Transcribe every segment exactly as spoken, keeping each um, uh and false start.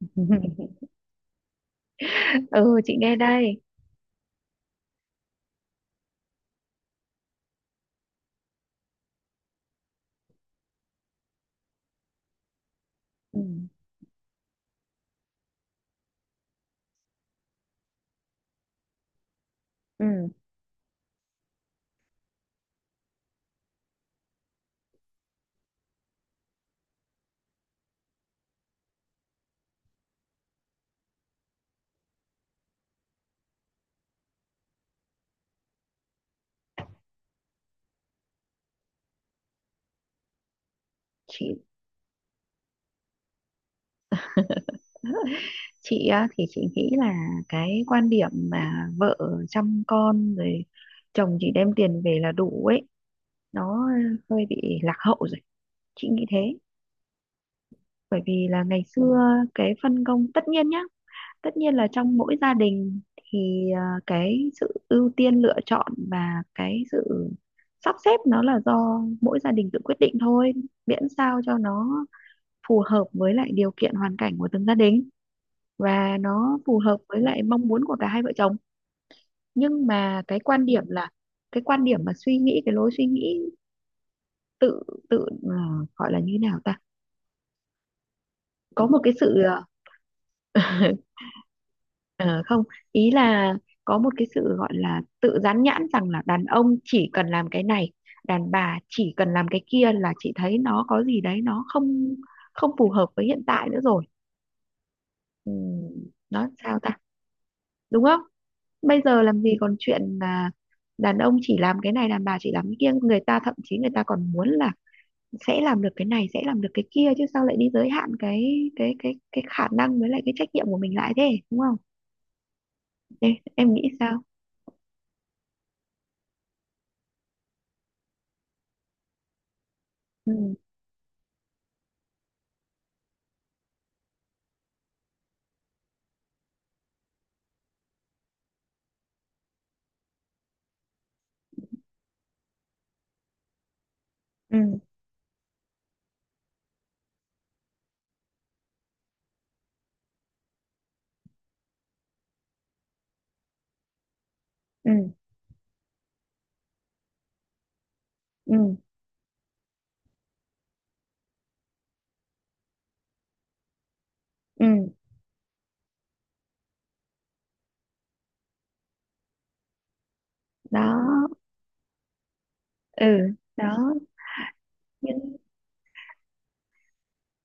Ừ, chị nghe đây. Ừ, ừ. chị chị á, thì chị nghĩ là cái quan điểm mà vợ chăm con rồi chồng chỉ đem tiền về là đủ ấy, nó hơi bị lạc hậu rồi, chị nghĩ thế. Bởi vì là ngày xưa cái phân công tất nhiên nhá, tất nhiên là trong mỗi gia đình thì à, cái sự ưu tiên lựa chọn và cái sự sắp xếp nó là do mỗi gia đình tự quyết định thôi, miễn sao cho nó phù hợp với lại điều kiện hoàn cảnh của từng gia đình, và nó phù hợp với lại mong muốn của cả hai vợ chồng. Nhưng mà cái quan điểm là cái quan điểm mà suy nghĩ, cái lối suy nghĩ tự tự ờ, gọi là như thế nào ta, có một cái sự ờ, Ờ, không, ý là có một cái sự gọi là tự dán nhãn rằng là đàn ông chỉ cần làm cái này, đàn bà chỉ cần làm cái kia là chị thấy nó có gì đấy, nó không không phù hợp với hiện tại nữa rồi. Ừ, nó sao ta, đúng không? Bây giờ làm gì còn chuyện là đàn ông chỉ làm cái này, đàn bà chỉ làm cái kia. Người ta thậm chí người ta còn muốn là sẽ làm được cái này, sẽ làm được cái kia, chứ sao lại đi giới hạn cái cái cái cái khả năng với lại cái trách nhiệm của mình lại thế, đúng không? Em, em nghĩ sao? Ừ, ừ, ừ, ừ, ừ, đó. Ừ, đó. Những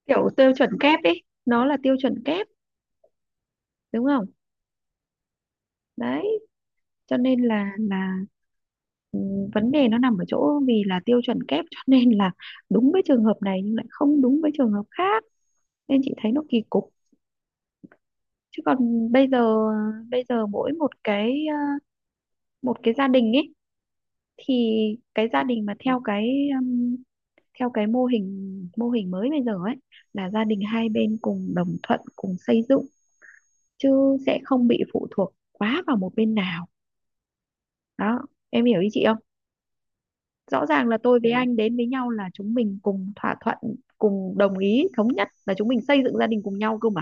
kiểu tiêu chuẩn kép ấy, nó là tiêu chuẩn kép, đúng không? Đấy, cho nên là là vấn đề nó nằm ở chỗ vì là tiêu chuẩn kép, cho nên là đúng với trường hợp này nhưng lại không đúng với trường hợp khác, nên chị thấy nó kỳ cục. Chứ còn bây giờ, bây giờ mỗi một cái ờ, một cái gia đình ấy, thì cái gia đình mà theo cái ừm, theo cái mô hình, mô hình mới bây giờ ấy, là gia đình hai bên cùng đồng thuận cùng xây dựng, chứ sẽ không bị phụ thuộc quá vào một bên nào đó. Em hiểu ý chị không? Rõ ràng là tôi với Ừ. Anh đến với nhau là chúng mình cùng thỏa thuận, cùng đồng ý thống nhất là chúng mình xây dựng gia đình cùng nhau cơ mà.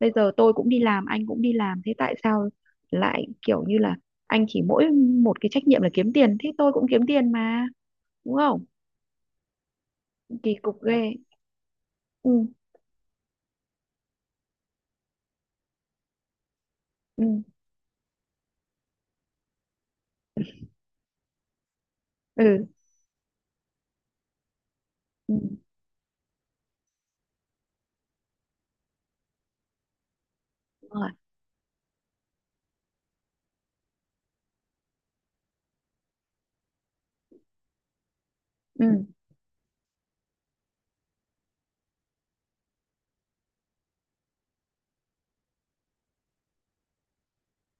Bây giờ tôi cũng đi làm, anh cũng đi làm, thế tại sao lại kiểu như là anh chỉ mỗi một cái trách nhiệm là kiếm tiền, thế tôi cũng kiếm tiền mà, đúng không? Kỳ cục ghê. Ừ, ừ, ừ, ừ, đúng rồi. Ừ,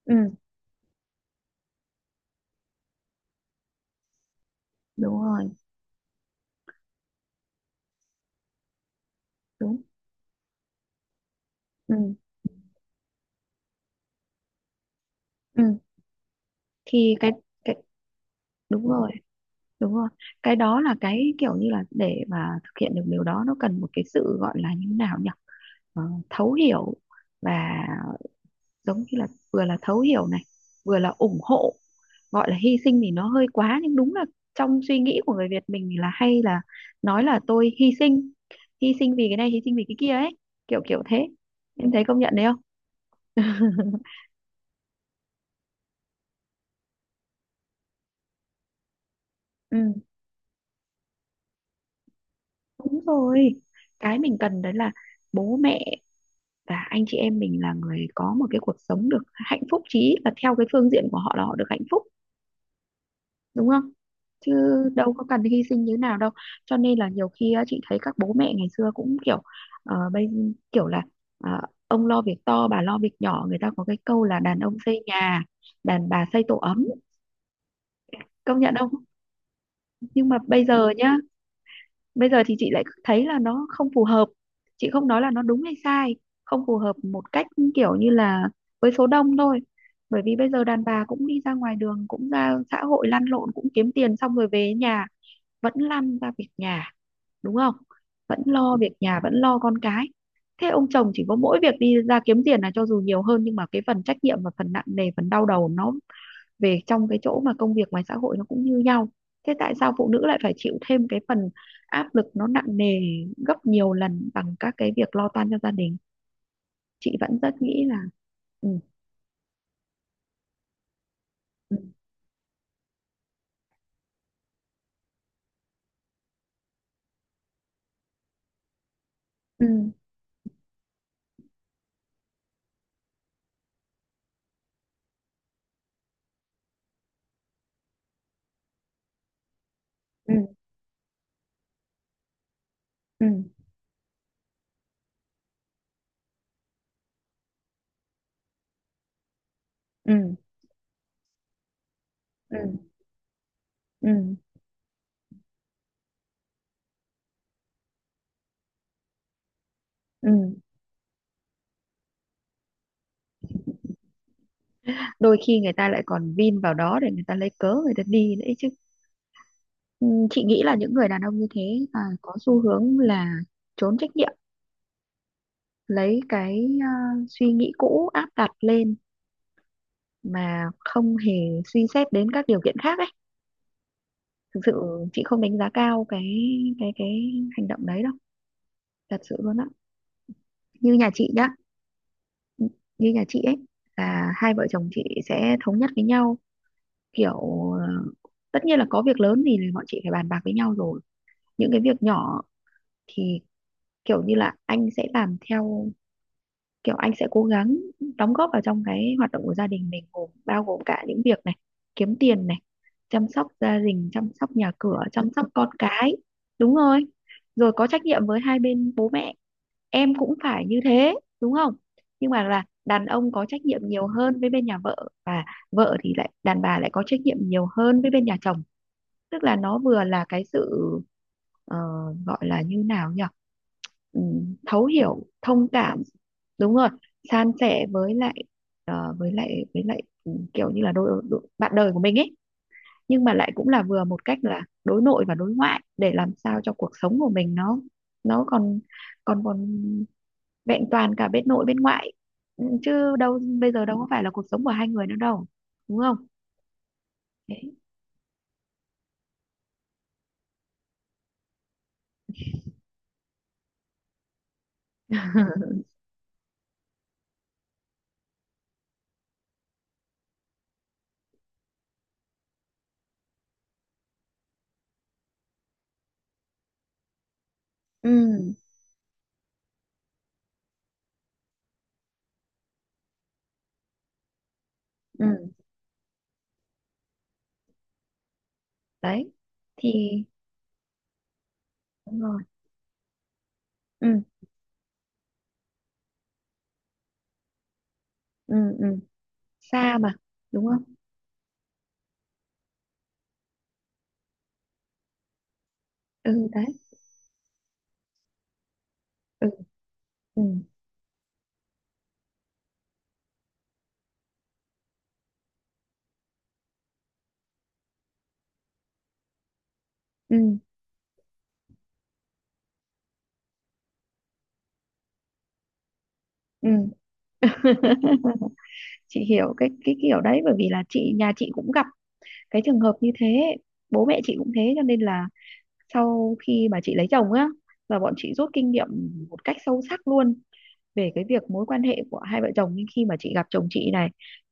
ừ, đúng rồi. Đúng. Ừ, ừ, thì cái cái đúng rồi, đúng rồi. Cái đó là cái kiểu như là để mà thực hiện được điều đó, nó cần một cái sự, gọi là như nào nhỉ, ờ, thấu hiểu và giống như là vừa là thấu hiểu này, vừa là ủng hộ, gọi là hy sinh thì nó hơi quá, nhưng đúng là trong suy nghĩ của người Việt mình thì là hay là nói là tôi hy sinh, hy sinh vì cái này, hy sinh vì cái kia ấy, kiểu kiểu thế. Em thấy công nhận đấy không? Ừ, đúng rồi. Cái mình cần đấy là bố mẹ và anh chị em mình là người có một cái cuộc sống được hạnh phúc, chí ít là theo cái phương diện của họ là họ được hạnh phúc, đúng không? Chứ đâu có cần hy sinh như nào đâu. Cho nên là nhiều khi á, chị thấy các bố mẹ ngày xưa cũng kiểu ờ, bây, kiểu là ờ, ông lo việc to, bà lo việc nhỏ. Người ta có cái câu là đàn ông xây nhà, đàn bà xây tổ ấm, công nhận không? Nhưng mà bây giờ nhá, bây giờ thì chị lại thấy là nó không phù hợp. Chị không nói là nó đúng hay sai, không phù hợp một cách kiểu như là với số đông thôi. Bởi vì bây giờ đàn bà cũng đi ra ngoài đường, cũng ra xã hội lăn lộn, cũng kiếm tiền, xong rồi về nhà vẫn lăn ra việc nhà, đúng không? Vẫn lo việc nhà, vẫn lo con cái. Thế ông chồng chỉ có mỗi việc đi ra kiếm tiền, là cho dù nhiều hơn nhưng mà cái phần trách nhiệm và phần nặng nề, phần đau đầu nó về trong cái chỗ mà công việc ngoài xã hội nó cũng như nhau. Thế tại sao phụ nữ lại phải chịu thêm cái phần áp lực nó nặng nề gấp nhiều lần bằng các cái việc lo toan cho gia đình? Chị vẫn rất nghĩ là, ừ, ừ, ừ, ừ, ừ, ừ, ừ, ừ, ừ. Đôi khi người ta lại còn vin vào đó để người ta lấy cớ người ta đi đấy chứ. Ừ, chị nghĩ là những người đàn ông như thế à, có xu hướng là trốn trách nhiệm, lấy cái à, suy nghĩ cũ áp đặt lên mà không hề suy xét đến các điều kiện khác ấy. Thực sự chị không đánh giá cao cái cái cái hành động đấy đâu, thật sự luôn á. Như nhà chị nhá, như nhà chị ấy là hai vợ chồng chị sẽ thống nhất với nhau kiểu ờ, tất nhiên là có việc lớn thì bọn chị phải bàn bạc với nhau rồi. Những cái việc nhỏ thì kiểu như là anh sẽ làm theo kiểu anh sẽ cố gắng đóng góp vào trong cái hoạt động của gia đình mình, gồm bao gồm cả những việc này, kiếm tiền này, chăm sóc gia đình, chăm sóc nhà cửa, chăm sóc con cái. Đúng rồi, rồi có trách nhiệm với hai bên bố mẹ. Em cũng phải như thế, đúng không? Nhưng mà là đàn ông có trách nhiệm nhiều hơn với bên nhà vợ, và vợ thì lại, đàn bà lại có trách nhiệm nhiều hơn với bên nhà chồng. Tức là nó vừa là cái sự ờ, gọi là như nào nhỉ, ừm, thấu hiểu thông cảm, đúng rồi, san sẻ với lại ờ, với lại với lại ừm, kiểu như là đôi, đôi, bạn đời của mình ấy, nhưng mà lại cũng là vừa một cách là đối nội và đối ngoại để làm sao cho cuộc sống của mình nó nó còn còn còn vẹn toàn cả bên nội bên ngoại. Ừm, chứ đâu bây giờ đâu có phải là cuộc sống của hai người nữa đâu, đúng không? Thế. Ừ, ừ, đấy, thì đúng rồi, ừ, ừ, ừ, xa mà, đúng không, ừ, đấy, ừ, ừ, ừ, ừ. Chị hiểu cái cái kiểu đấy, bởi vì là chị, nhà chị cũng gặp cái trường hợp như thế. Bố mẹ chị cũng thế, cho nên là sau khi mà chị lấy chồng á, là bọn chị rút kinh nghiệm một cách sâu sắc luôn về cái việc mối quan hệ của hai vợ chồng. Nhưng khi mà chị gặp chồng chị này,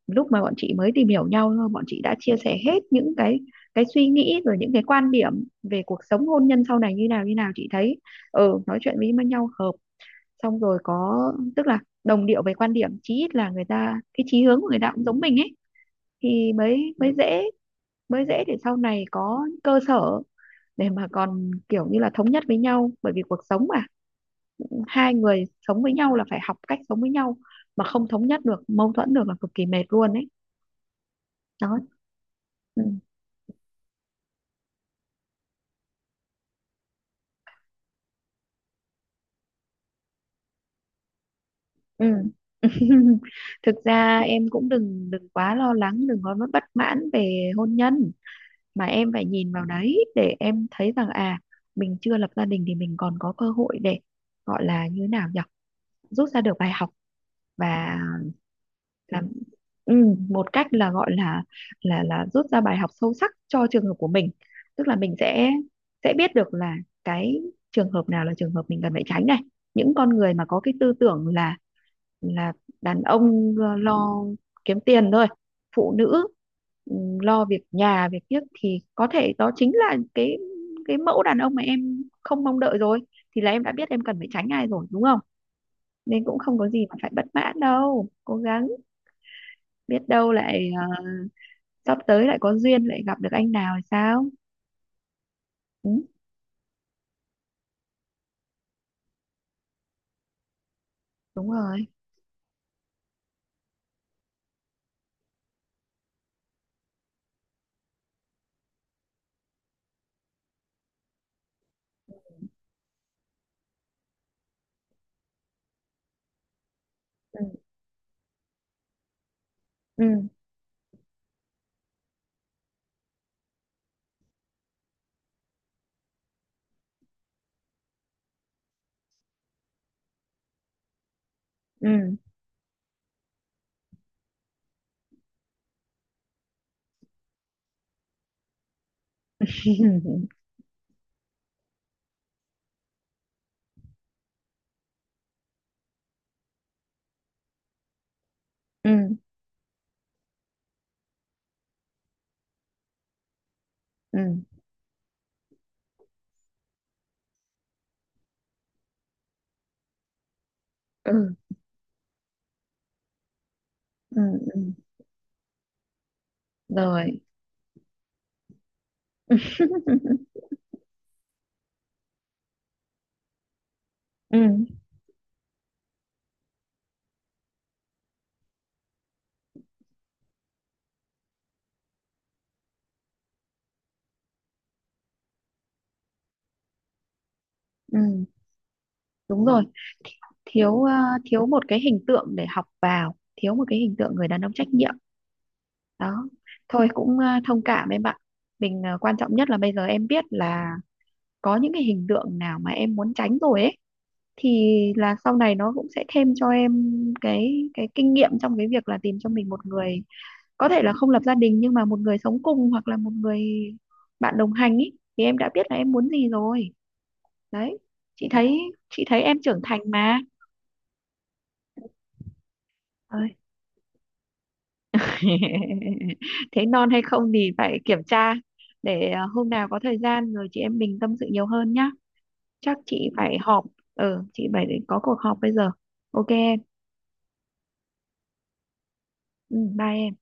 lúc mà bọn chị mới tìm hiểu nhau thôi, bọn chị đã chia sẻ hết những cái cái suy nghĩ rồi những cái quan điểm về cuộc sống hôn nhân sau này như nào như nào, chị thấy ừ, nói chuyện với nhau hợp, xong rồi có, tức là đồng điệu về quan điểm, chí ít là người ta, cái chí hướng của người ta cũng giống mình ấy, thì mới mới dễ, mới dễ để sau này có cơ sở để mà còn kiểu như là thống nhất với nhau. Bởi vì cuộc sống mà hai người sống với nhau là phải học cách sống với nhau, mà không thống nhất được, mâu thuẫn được là cực kỳ mệt luôn ấy. Đó. Ừ. Ừ. Thực ra em cũng đừng đừng quá lo lắng, đừng có bất mãn về hôn nhân, mà em phải nhìn vào đấy để em thấy rằng à, mình chưa lập gia đình thì mình còn có cơ hội để, gọi là như thế nào nhỉ, rút ra được bài học và là ừ, một cách là gọi là là là rút ra bài học sâu sắc cho trường hợp của mình. Tức là mình sẽ sẽ biết được là cái trường hợp nào là trường hợp mình cần phải tránh này. Những con người mà có cái tư tưởng là là đàn ông lo lo kiếm tiền thôi, phụ nữ ừ, lo việc nhà việc tiếc, thì có thể đó chính là cái cái mẫu đàn ông mà em không mong đợi rồi, thì là em đã biết em cần phải tránh ai rồi, đúng không? Nên cũng không có gì mà phải bất mãn đâu, cố gắng, biết đâu lại ờ, sắp tới lại có duyên lại gặp được anh nào thì sao. Ừ, đúng rồi, ừ, ừ, ừ, ừ, ừ, ừ, ừ, ừ. Rồi. Ừ, ừ, đúng rồi, thiếu ờ, thiếu một cái hình tượng để học vào, thiếu một cái hình tượng người đàn ông trách nhiệm. Đó, thôi cũng ờ, thông cảm em ạ. Mình ờ, quan trọng nhất là bây giờ em biết là có những cái hình tượng nào mà em muốn tránh rồi ấy, thì là sau này nó cũng sẽ thêm cho em cái cái kinh nghiệm trong cái việc là tìm cho mình một người, có thể là không lập gia đình nhưng mà một người sống cùng, hoặc là một người bạn đồng hành ý, thì em đã biết là em muốn gì rồi. Đấy, chị thấy, chị thấy em trưởng thành mà. Ơi. Thế non hay không thì phải kiểm tra. Để à, hôm nào có thời gian rồi chị em mình tâm sự nhiều hơn nhá. Chắc chị phải họp, ừ, chị phải có cuộc họp bây giờ. OK em. Ừ, bye em.